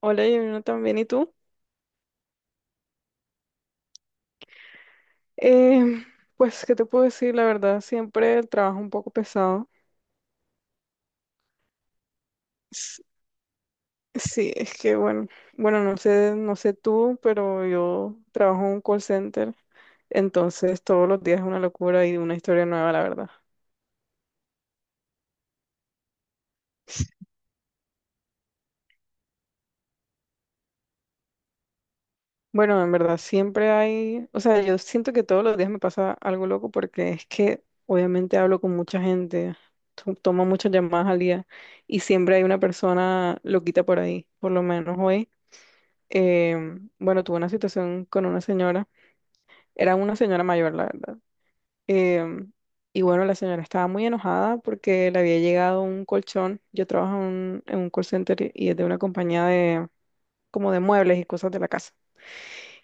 Hola, Yamina, también. ¿Y tú? Em, pues, ¿qué te puedo decir? La verdad, siempre el trabajo un poco pesado. S- Sí, es que bueno, no sé, no sé tú, pero yo trabajo en un call center, entonces todos los días es una locura y una historia nueva, la verdad. Bueno, en verdad, siempre hay, o sea, yo siento que todos los días me pasa algo loco porque es que obviamente hablo con mucha gente, tomo muchas llamadas al día y siempre hay una persona loquita por ahí, por lo menos hoy. Bueno, tuve una situación con una señora, era una señora mayor, la verdad. em, y bueno, la señora estaba muy enojada porque le había llegado un colchón. Yo trabajo en, un call center y es de una compañía de como de muebles y cosas de la casa.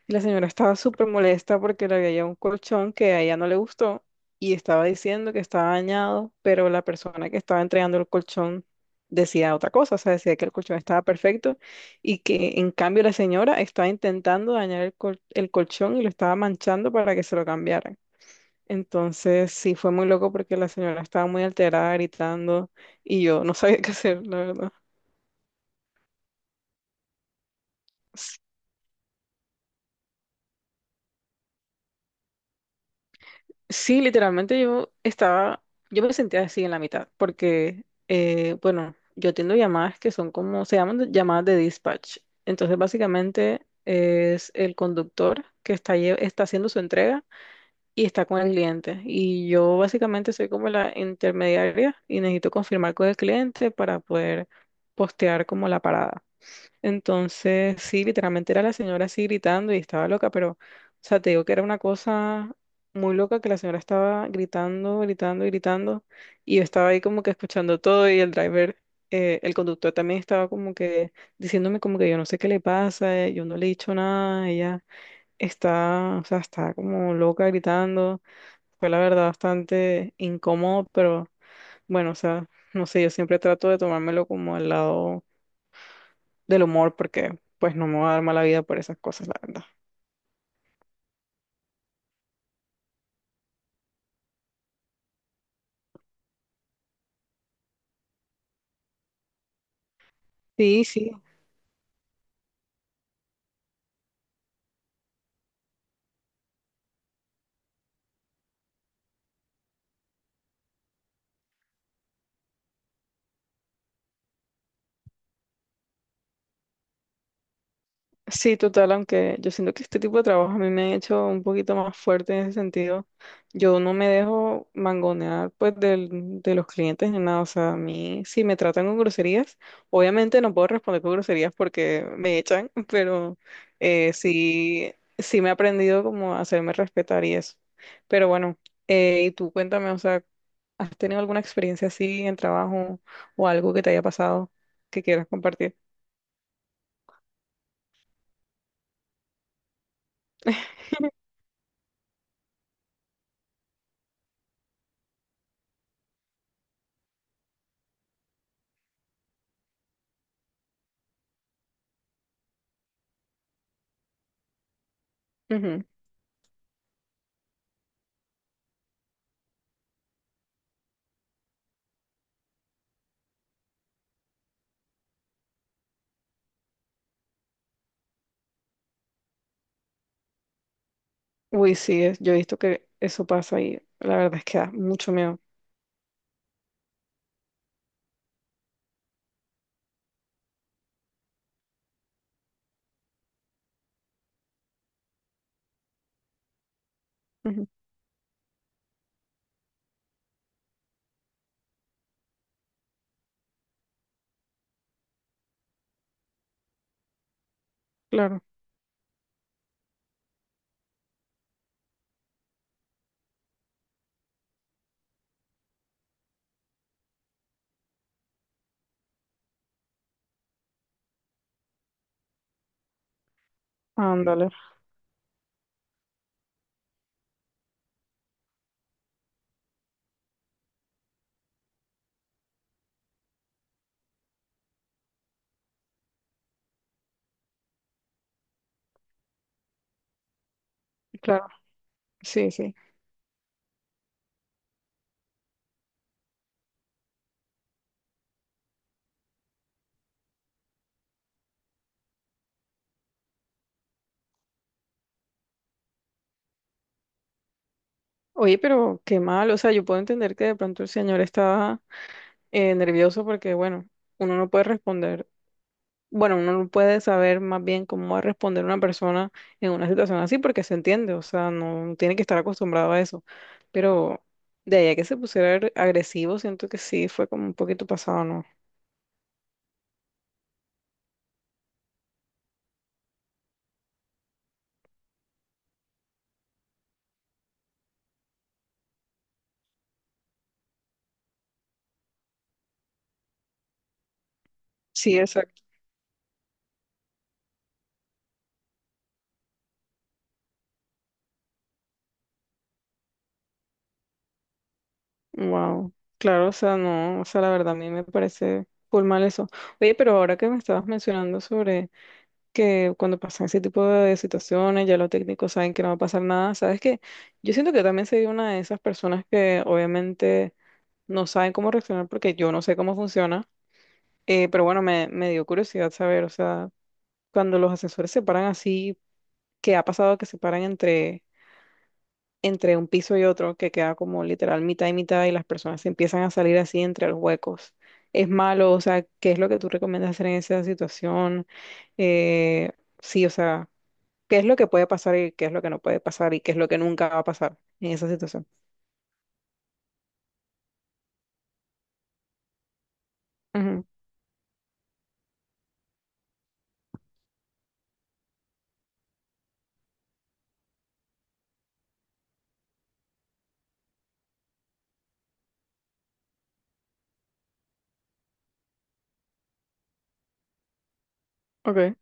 Y la señora estaba súper molesta porque le había llevado un colchón que a ella no le gustó y estaba diciendo que estaba dañado, pero la persona que estaba entregando el colchón decía otra cosa, o sea, decía que el colchón estaba perfecto y que en cambio la señora estaba intentando dañar el, el colchón y lo estaba manchando para que se lo cambiaran. Entonces sí fue muy loco porque la señora estaba muy alterada, gritando y yo no sabía qué hacer, la verdad. Sí, literalmente yo estaba, yo me sentía así en la mitad, porque, bueno, yo atiendo llamadas que son como, se llaman llamadas de dispatch. Entonces, básicamente es el conductor que está, está haciendo su entrega y está con el cliente. Y yo básicamente soy como la intermediaria y necesito confirmar con el cliente para poder postear como la parada. Entonces, sí, literalmente era la señora así gritando y estaba loca, pero, o sea, te digo que era una cosa muy loca que la señora estaba gritando, gritando, gritando, y yo estaba ahí como que escuchando todo y el driver, el conductor también estaba como que diciéndome como que yo no sé qué le pasa, yo no le he dicho nada, ella está, o sea, está como loca gritando. Fue la verdad bastante incómodo, pero bueno, o sea, no sé, yo siempre trato de tomármelo como al lado del humor porque pues no me voy a dar mala vida por esas cosas, la verdad. Sí, sí. Sí, total, aunque yo siento que este tipo de trabajo a mí me ha hecho un poquito más fuerte en ese sentido. Yo no me dejo mangonear pues de los clientes ni nada. O sea, a mí si me tratan con groserías, obviamente no puedo responder con groserías porque me echan, pero sí, sí me he aprendido como a hacerme respetar y eso. Pero bueno, y tú cuéntame, o sea, ¿has tenido alguna experiencia así en trabajo o algo que te haya pasado que quieras compartir? Uy, sí, es- yo he visto que eso pasa y la verdad es que da mucho miedo. Ujú, claro, ándale, claro, sí, sí. Oye, pero qué mal, o sea, yo puedo entender que de pronto el señor estaba nervioso porque, bueno, uno no puede responder, bueno, uno no puede saber más bien cómo va a responder una persona en una situación así porque se entiende, o sea, no tiene que estar acostumbrado a eso. Pero de ahí a que se pusiera agresivo, siento que sí, fue como un poquito pasado, ¿no? Sí, wow, claro, o sea, no, o sea, la verdad a mí me parece full mal eso. Oye, pero ahora que me estabas mencionando sobre que cuando pasan ese tipo de situaciones, ya los técnicos saben que no va a pasar nada, ¿sabes qué? Yo siento que yo también soy una de esas personas que obviamente no saben cómo reaccionar porque yo no sé cómo funciona, pero bueno, me dio curiosidad saber, o sea, cuando los asesores se paran así, ¿qué ha pasado que se paran entre un piso y otro que queda como literal mitad y mitad y las personas se empiezan a salir así entre los huecos? ¿Es malo? O sea, ¿qué es lo que tú recomiendas hacer en esa situación? Eh, sí, o sea, ¿qué es lo que puede pasar y qué es lo que no puede pasar y qué es lo que nunca va a pasar en esa situación? Ujú, ok,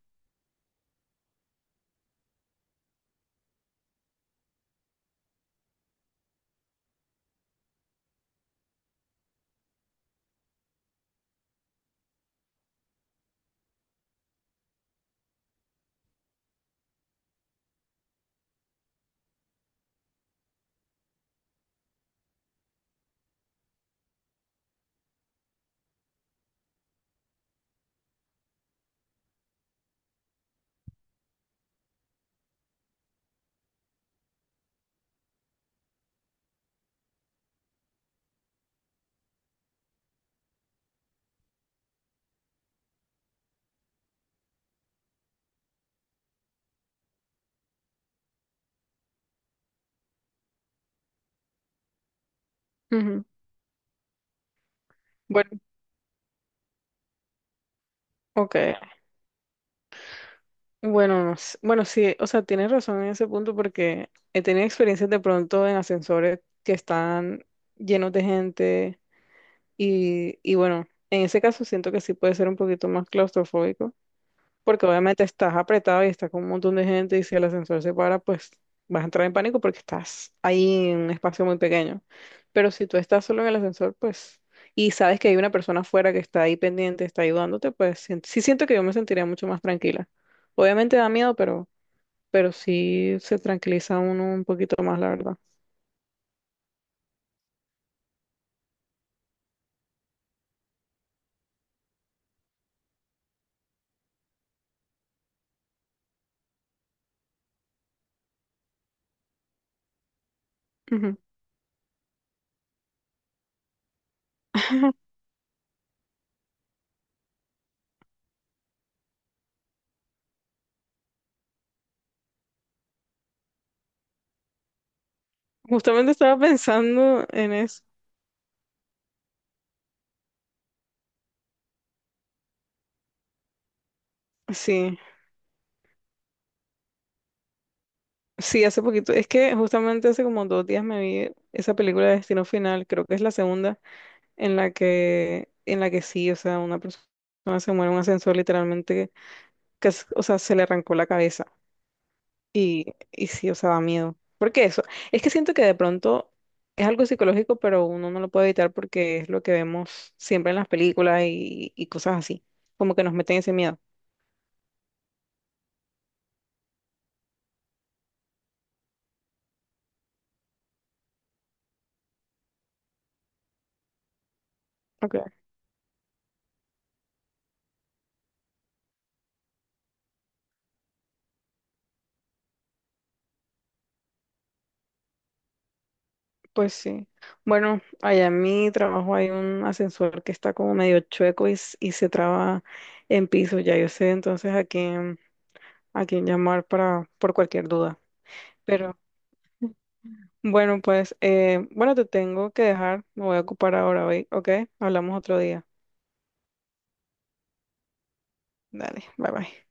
ujú. Bueno, ok. Bueno, no sé. Bueno, sí, o sea, tienes razón en ese punto porque he tenido experiencias de pronto en ascensores que están llenos de gente. Y bueno, en ese caso siento que sí puede ser un poquito más claustrofóbico, porque obviamente estás apretado y estás con un montón de gente y si el ascensor se para, pues vas a entrar en pánico porque estás ahí en un espacio muy pequeño. Pero si tú estás solo en el ascensor, pues, y sabes que hay una persona afuera que está ahí pendiente, está ayudándote, pues sí siento que yo me sentiría mucho más tranquila. Obviamente da miedo, pero sí se tranquiliza uno un poquito más, la verdad. Ujú. Justamente estaba pensando en eso. Sí. Sí, hace poquito, es que justamente hace como 2 días me vi esa película de Destino Final, creo que es la segunda, en la que sí, o sea, una persona se muere en un ascensor literalmente, que, es- o sea, se le arrancó la cabeza y, y sí, o sea, da miedo. Porque eso, es que siento que de pronto es algo psicológico, pero uno no lo puede evitar porque es lo que vemos siempre en las películas y cosas así, como que nos meten ese miedo. Pues sí. Bueno, allá en mi trabajo hay un ascensor que está como medio chueco y, y se traba en piso. Ya yo sé entonces a quién llamar para, por cualquier duda. Pero bueno, pues bueno, te tengo que dejar. Me voy a ocupar ahora hoy, ¿ok? Hablamos otro día. Dale, bye bye.